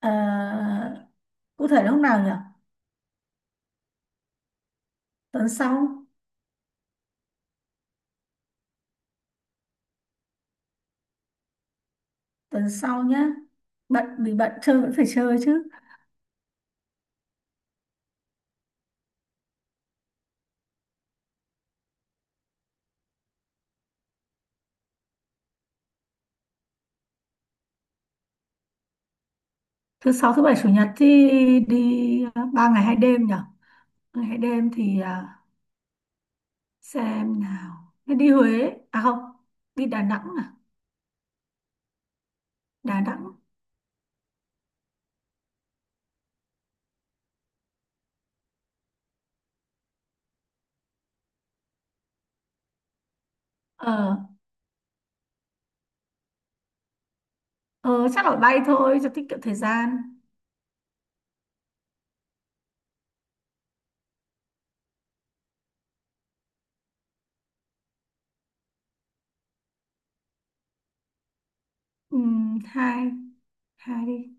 À, cụ thể là lúc nào nhỉ? Tuần sau, tuần sau nhá. Bận vì bận chơi vẫn phải chơi chứ. Thứ sáu, thứ bảy, chủ nhật thì đi à, ba ngày hai đêm nhỉ? Ba ngày hai đêm thì à, xem nào. Thế đi Huế, à không, đi Đà Nẵng à? Đà Nẵng. Ờ, ờ chắc là bay thôi cho tiết kiệm thời gian. Hai, hai đi.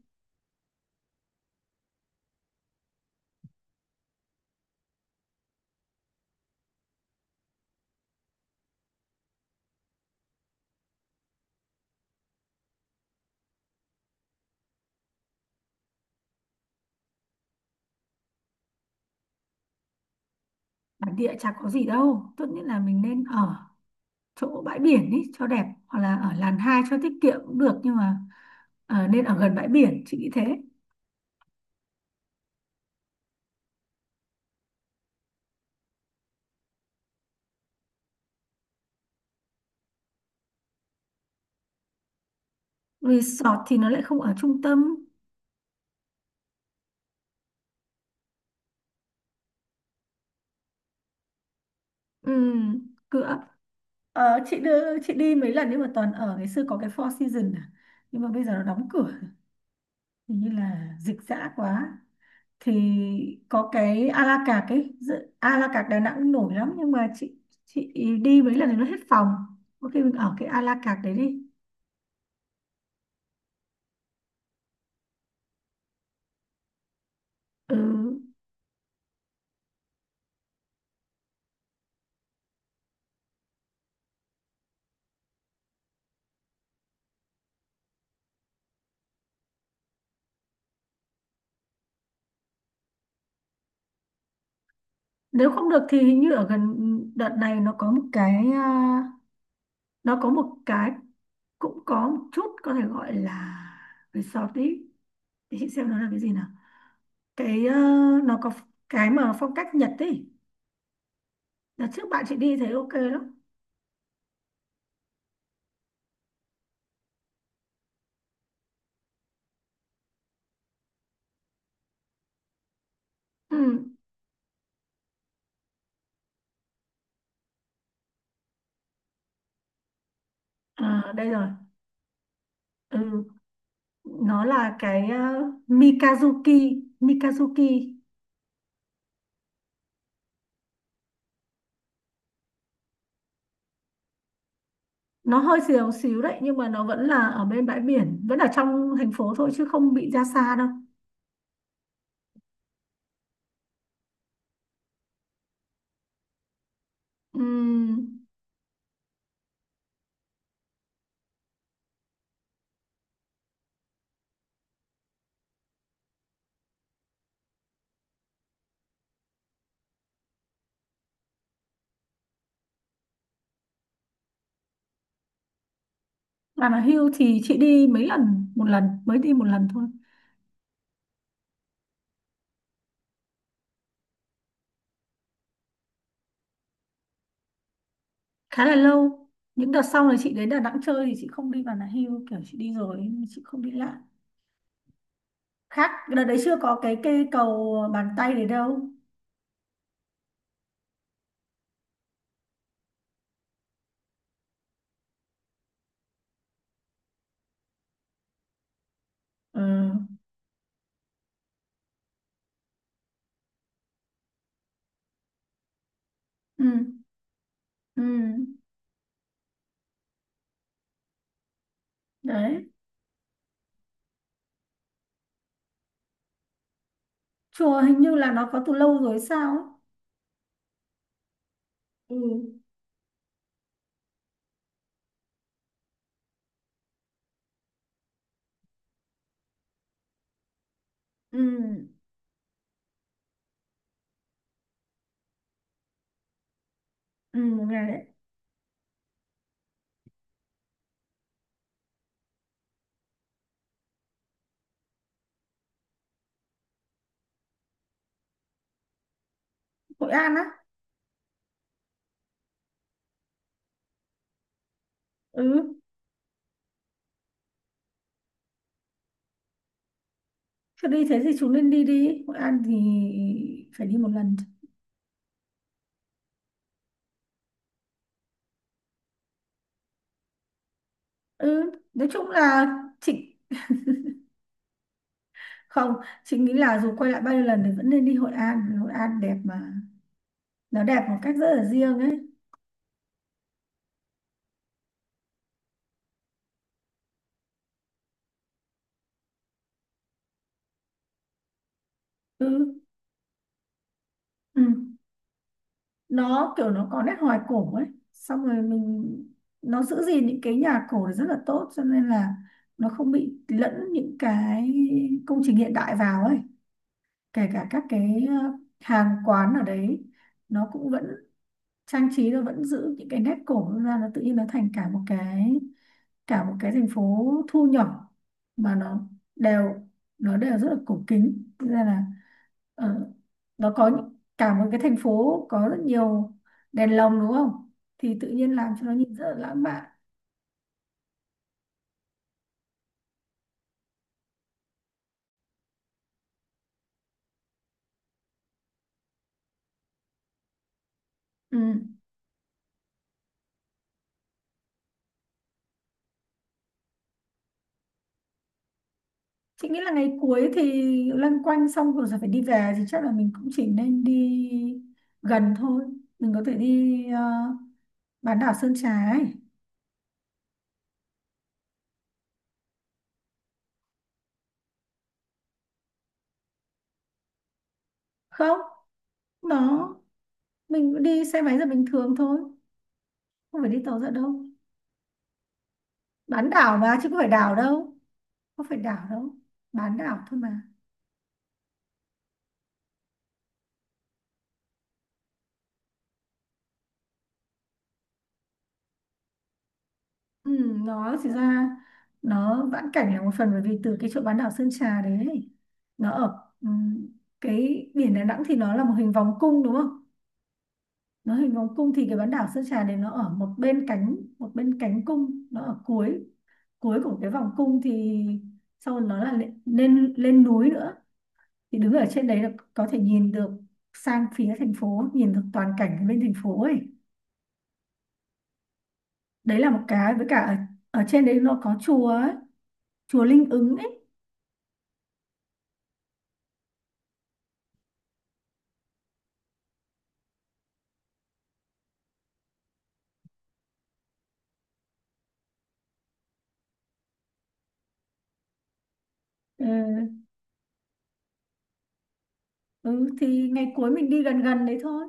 Bản địa chả có gì đâu. Tốt nhất là mình nên ở chỗ bãi biển ý, cho đẹp hoặc là ở làn 2 cho tiết kiệm cũng được, nhưng mà nên ở gần bãi biển, chị nghĩ thế. Resort thì nó lại không ở trung tâm. Ừ. cửa ờ, chị đưa chị đi mấy lần nhưng mà toàn ở ngày xưa có cái Four Seasons à. Nhưng mà bây giờ nó đóng cửa, hình như là dịch dã quá. Thì có cái a la carte ấy, a la carte Đà Nẵng cũng nổi lắm, nhưng mà chị đi mấy lần thì nó hết phòng. Có khi mình ở cái a la carte đấy đi. Ừ. Nếu không được thì hình như ở gần, đợt này nó có một cái, cũng có một chút, có thể gọi là resort ý. Để chị xem nó là cái gì nào. cái ờ, nó có cái mà phong cách Nhật ý. Đợt trước bạn chị đi thấy ok lắm. Ừ. À, đây rồi. Ừ. Nó là Mikazuki Mikazuki. Nó hơi xíu xíu đấy nhưng mà nó vẫn là ở bên bãi biển, vẫn ở trong thành phố thôi chứ không bị ra xa đâu. Ừ. Bà mà hưu thì chị đi mấy lần, một lần, mới đi một lần thôi. Khá là lâu. Những đợt sau này chị đến Đà Nẵng chơi thì chị không đi Bà Nà Hills, kiểu chị đi rồi nhưng mà chị không đi lại. Khác, đợt đấy chưa có cái cây cầu bàn tay đấy đâu. Ừ. Ừ. Ừ. Đấy. Chùa hình như là nó có từ lâu rồi sao ấy. Ừ. Ừ. Ừ. Một ngày đấy. Hội An á. Ừ. Cứ đi thế thì chúng nên đi đi. Hội An thì phải đi một lần. Ừ. Nói chung là chị không chị nghĩ là dù quay lại bao nhiêu lần thì vẫn nên đi Hội An vì Hội An đẹp mà, nó đẹp một cách rất là riêng ấy. Ừ, ừ. Nó kiểu nó có nét hoài cổ ấy, xong rồi mình nó giữ gìn những cái nhà cổ thì rất là tốt, cho nên là nó không bị lẫn những cái công trình hiện đại vào ấy. Kể cả các cái hàng quán ở đấy, nó cũng vẫn trang trí, nó vẫn giữ những cái nét cổ ra, nó tự nhiên nó thành cả một cái thành phố thu nhỏ, mà đều nó đều rất là cổ kính. Thế ra là ờ, cả một cái thành phố có rất nhiều đèn lồng đúng không, thì tự nhiên làm cho nó nhìn rất là lãng mạn. Ừ. Chị nghĩ là ngày cuối thì loanh quanh xong rồi sẽ phải đi về, thì chắc là mình cũng chỉ nên đi gần thôi, mình có thể đi bán đảo Sơn Trà ấy. Không, nó mình cũng đi xe máy là bình thường thôi, không phải đi tàu ra đâu. Bán đảo mà chứ không phải đảo đâu, không phải đảo đâu, bán đảo thôi mà. Ừ, nó chỉ ra, nó vãn cảnh là một phần, bởi vì từ cái chỗ bán đảo Sơn Trà đấy ấy, nó ở cái biển Đà Nẵng thì nó là một hình vòng cung đúng không. Nó hình vòng cung thì cái bán đảo Sơn Trà này nó ở một bên cánh cung, nó ở cuối cuối của cái vòng cung, thì sau đó nó là lên lên, lên núi nữa. Thì đứng ở trên đấy là có thể nhìn được sang phía thành phố, nhìn được toàn cảnh bên thành phố ấy. Đấy là một cái, với cả ở trên đấy nó có chùa ấy, chùa Linh Ứng ấy. Ừ. Ừ thì ngày cuối mình đi gần gần đấy thôi.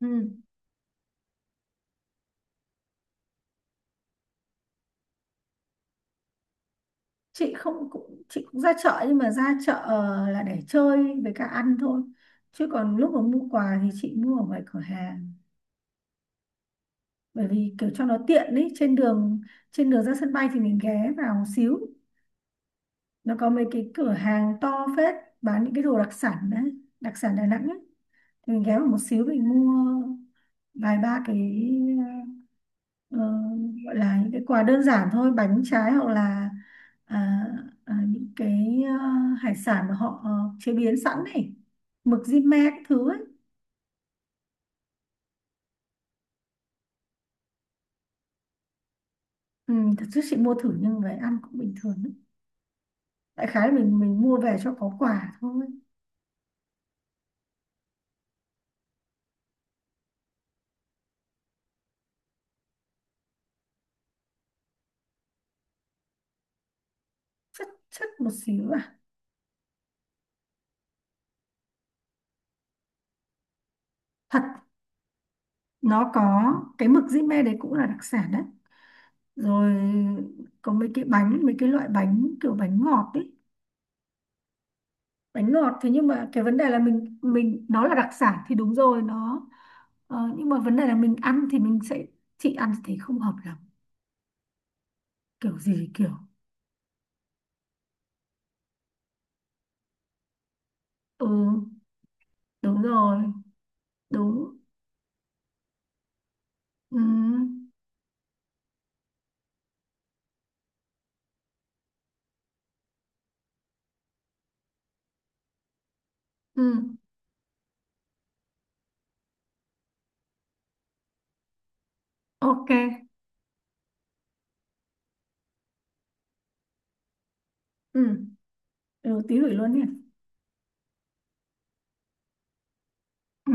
Ừ. chị không cũng chị cũng ra chợ, nhưng mà ra chợ là để chơi, với cả ăn thôi, chứ còn lúc mà mua quà thì chị mua ở ngoài cửa hàng, bởi vì kiểu cho nó tiện ấy. Trên đường ra sân bay thì mình ghé vào một xíu. Nó có mấy cái cửa hàng to phết bán những cái đồ đặc sản đấy, đặc sản Đà Nẵng ấy. Thì mình ghé vào một xíu mình mua vài ba cái, ờ, gọi là những cái quà đơn giản thôi, bánh trái, hoặc là à, những cái hải sản mà họ chế biến sẵn này, mực di-me cái thứ ấy. Ừ, thật sự chị mua thử nhưng về ăn cũng bình thường ấy. Đại khái là mình mua về cho có quà thôi. Chất chất một xíu à. Thật, nó có cái mực di-me đấy cũng là đặc sản đấy. Rồi có mấy cái loại bánh kiểu bánh ngọt ấy. Bánh ngọt, thế nhưng mà cái vấn đề là mình nó là đặc sản thì đúng rồi, nó nhưng mà vấn đề là mình ăn thì mình sẽ chị ăn thì không hợp lắm, kiểu gì kiểu. Ừ. Đúng rồi. Đúng. Ừ. Ừ. Ok. Ừ. Ừ, tí gửi luôn nhỉ. Ừ.